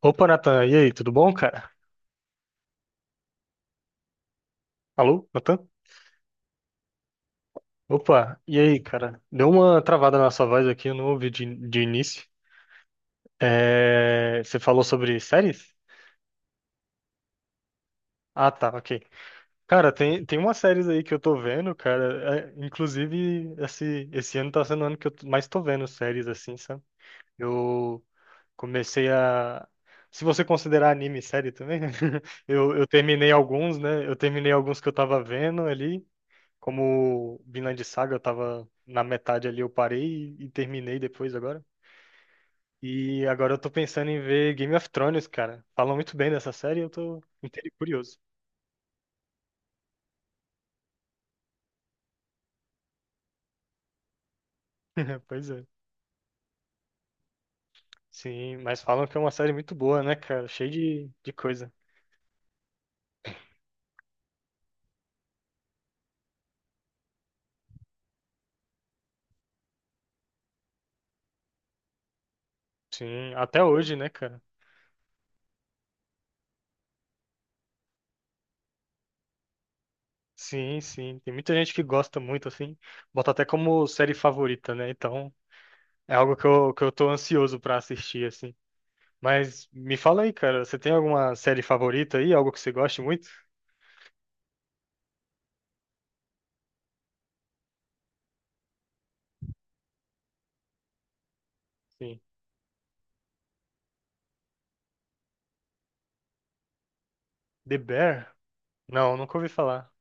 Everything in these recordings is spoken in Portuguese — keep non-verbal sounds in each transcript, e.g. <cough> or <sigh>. Opa, Natan, e aí, tudo bom, cara? Alô, Natan? Opa, e aí, cara? Deu uma travada na sua voz aqui, eu não ouvi de início. É, você falou sobre séries? Ah, tá, ok. Cara, tem umas séries aí que eu tô vendo, cara. Inclusive, esse ano tá sendo o ano que eu mais tô vendo séries, assim, sabe? Eu comecei a. Se você considerar anime série também, <laughs> eu terminei alguns, né? Eu terminei alguns que eu tava vendo ali. Como Vinland Saga, eu tava na metade ali, eu parei e terminei depois agora. E agora eu tô pensando em ver Game of Thrones, cara. Falam muito bem dessa série, e eu tô inteiro curioso. <laughs> Pois é. Sim, mas falam que é uma série muito boa, né, cara? Cheia de coisa. Sim, até hoje, né, cara? Sim, sim. Tem muita gente que gosta muito, assim. Bota até como série favorita, né? Então, é algo que eu tô ansioso pra assistir, assim. Mas me fala aí, cara, você tem alguma série favorita aí? Algo que você goste muito? Sim. The Bear? Não, nunca ouvi falar.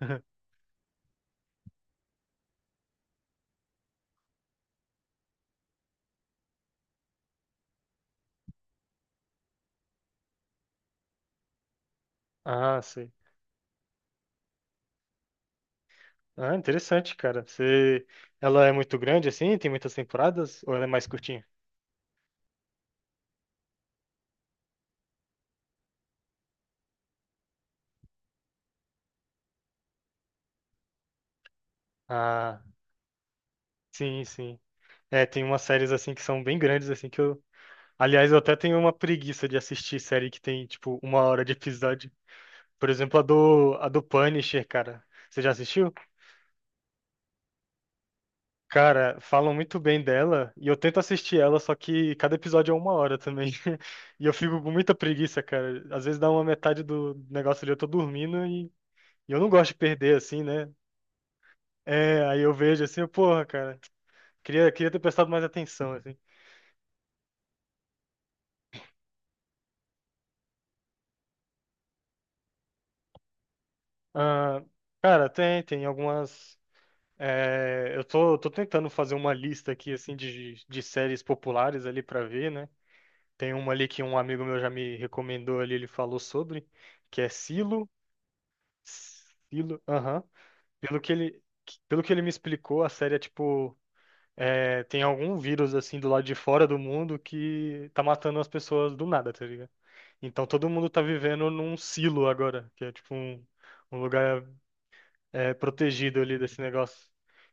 <laughs> Ah, sei. Ah, interessante, cara. Você... Ela é muito grande assim? Tem muitas temporadas? Ou ela é mais curtinha? Ah, sim, sim. É, tem umas séries assim que são bem grandes assim que eu. Aliás, eu até tenho uma preguiça de assistir série que tem tipo uma hora de episódio. Por exemplo, a do Punisher, cara. Você já assistiu? Cara, falam muito bem dela e eu tento assistir ela, só que cada episódio é uma hora também. <laughs> E eu fico com muita preguiça, cara. Às vezes dá uma metade do negócio ali, eu tô dormindo e eu não gosto de perder, assim, né? É, aí eu vejo assim, eu, porra, cara, queria ter prestado mais atenção, assim. Ah, cara, tem algumas. Eu tô tentando fazer uma lista aqui, assim, de séries populares ali pra ver, né? Tem uma ali que um amigo meu já me recomendou ali, ele falou sobre, que é Silo. Pelo aham. Pelo que ele, Pelo que ele me explicou, a série é tipo, é, tem algum vírus assim do lado de fora do mundo que tá matando as pessoas do nada, tá ligado? Então todo mundo tá vivendo num silo agora, que é tipo um, um lugar é, protegido ali desse negócio.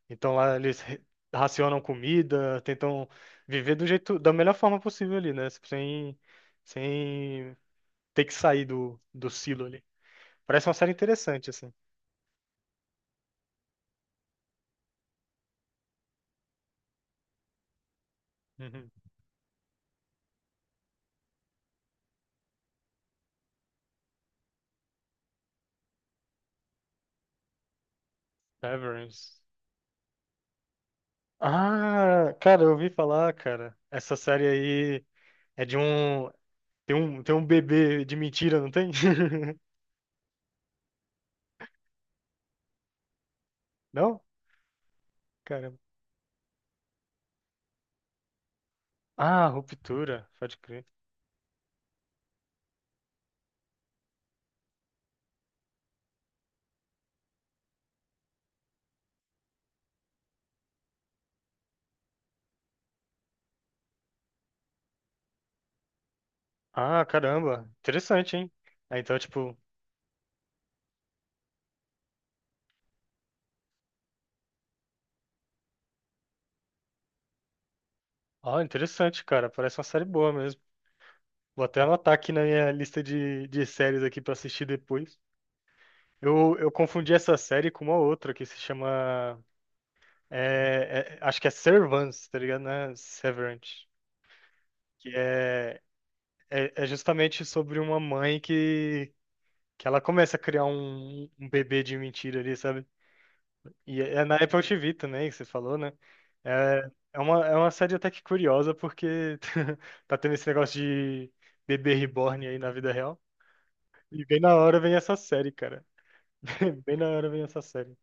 Então lá eles racionam comida, tentam viver do jeito, da melhor forma possível ali, né? Sem ter que sair do silo ali. Parece uma série interessante, assim. Uhum. Severance. Ah, cara, eu ouvi falar, cara. Essa série aí é de um. Tem um bebê de mentira, não tem? <laughs> Não? Caramba. Ah, Ruptura, pode crer. Ah, caramba. Interessante, hein? Ah, então, tipo. Ó, interessante, cara. Parece uma série boa mesmo. Vou até anotar aqui na minha lista de séries aqui pra assistir depois. Eu confundi essa série com uma outra que se chama. Acho que é Servants, tá ligado? Né? Severance. Que é é, é justamente sobre uma mãe que ela começa a criar um bebê de mentira ali, sabe? E é na Apple TV também, que você falou, né? É, é uma série até que curiosa, porque <laughs> tá tendo esse negócio de bebê reborn aí na vida real. E bem na hora vem essa série, cara. <laughs> Bem na hora vem essa série.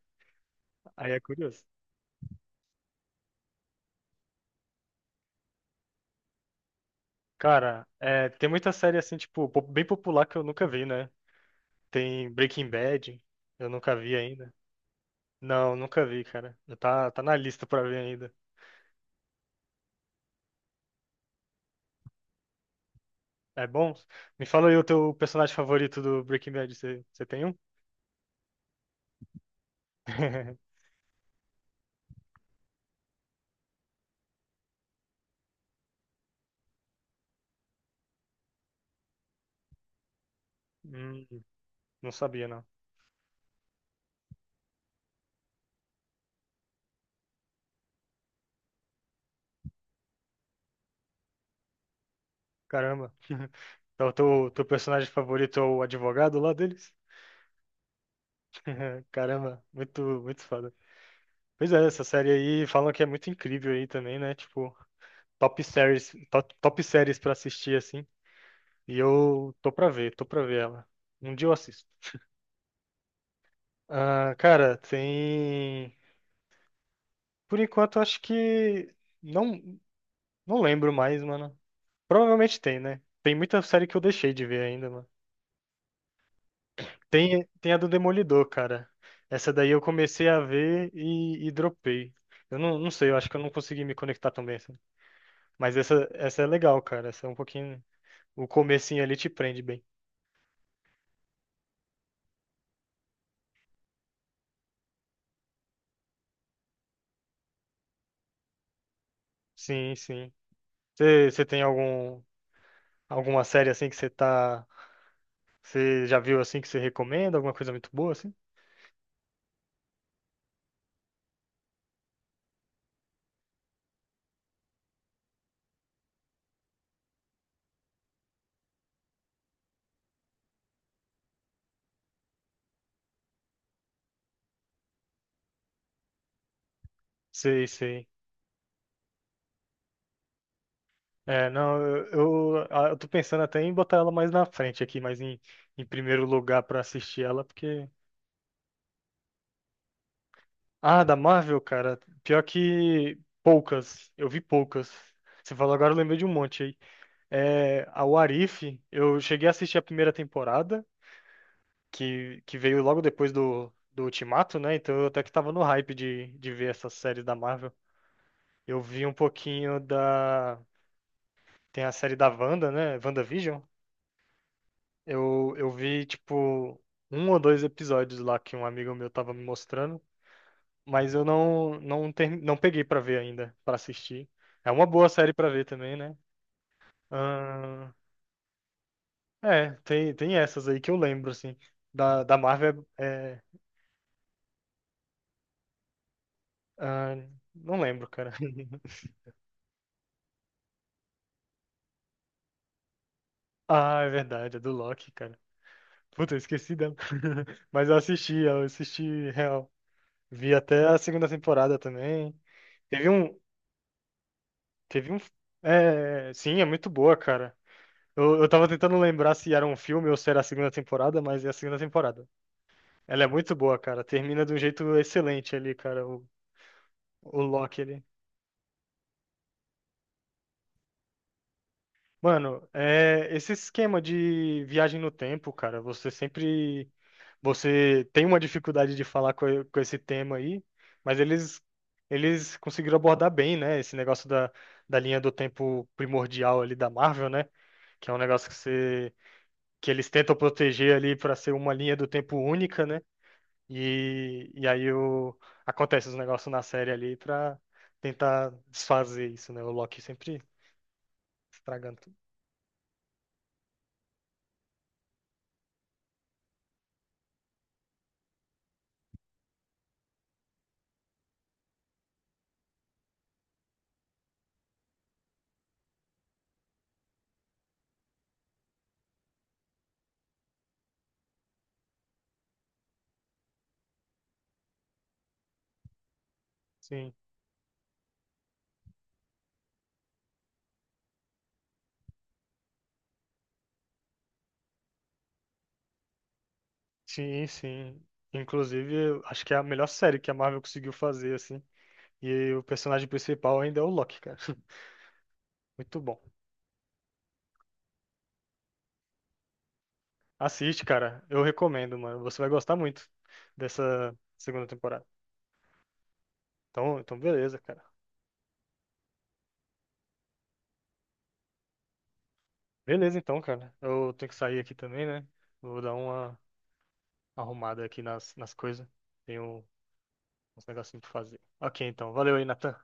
Aí é curioso. Cara, é, tem muita série assim, tipo, bem popular que eu nunca vi, né? Tem Breaking Bad, eu nunca vi ainda. Não, nunca vi, cara. Já tá, tá na lista pra ver ainda. É bom? Me fala aí o teu personagem favorito do Breaking Bad. Você tem um? <laughs> Hum, não sabia, não. Caramba. Então, teu personagem favorito é o advogado lá deles? <laughs> Caramba, muito, muito foda. Pois é, essa série aí falam que é muito incrível aí também, né? Tipo, top séries, top séries pra assistir, assim. E eu tô pra ver ela. Um dia eu assisto. Ah, cara, tem. Por enquanto, acho que não, não lembro mais, mano. Provavelmente tem, né? Tem muita série que eu deixei de ver ainda, mano. Tem a do Demolidor, cara. Essa daí eu comecei a ver e dropei. Eu não sei, eu acho que eu não consegui me conectar também, assim. Mas essa é legal, cara. Essa é um pouquinho. O comecinho ali te prende bem. Sim, sim. Você tem algum, alguma série assim que você tá. Você já viu assim que você recomenda? Alguma coisa muito boa, assim? Sei, sei. É, não, ah, eu tô pensando até em botar ela mais na frente aqui, em primeiro lugar pra assistir ela, porque. Ah, da Marvel, cara, pior que poucas, eu vi poucas. Você falou agora, eu lembrei de um monte aí. É, a What If, eu cheguei a assistir a primeira temporada, que veio logo depois do Ultimato, né? Então eu até que tava no hype de ver essas séries da Marvel. Eu vi um pouquinho da. Tem a série da Wanda, né? WandaVision. Eu vi, tipo, um ou dois episódios lá que um amigo meu tava me mostrando, mas eu não peguei pra ver ainda, pra assistir. É uma boa série pra ver também, né? Ahn, é, tem essas aí que eu lembro, assim. Da Marvel é. é, ahn, não lembro, cara. <laughs> Ah, é verdade, é do Loki, cara. Puta, eu esqueci dela. <laughs> Mas eu assisti real. Vi até a segunda temporada também. Teve um. Teve um. É, sim, é muito boa, cara. Eu tava tentando lembrar se era um filme ou se era a segunda temporada, mas é a segunda temporada. Ela é muito boa, cara. Termina de um jeito excelente ali, cara, o Loki ali. Mano, é, esse esquema de viagem no tempo, cara, você sempre. Você tem uma dificuldade de falar com esse tema aí, mas eles, eles conseguiram abordar bem, né? Esse negócio da linha do tempo primordial ali da Marvel, né? Que é um negócio que você. Que eles tentam proteger ali pra ser uma linha do tempo única, né? E, e aí o, acontece os negócios na série ali pra tentar desfazer isso, né? O Loki sempre estragando tudo. Sim, sim. Inclusive, eu acho que é a melhor série que a Marvel conseguiu fazer, assim. E o personagem principal ainda é o Loki, cara. <laughs> Muito bom. Assiste, cara. Eu recomendo, mano. Você vai gostar muito dessa segunda temporada. Então beleza, cara. Beleza, então, cara. Eu tenho que sair aqui também, né? Vou dar uma arrumada aqui nas coisas. Tenho uns negocinhos pra fazer. Ok, então. Valeu aí, Natan.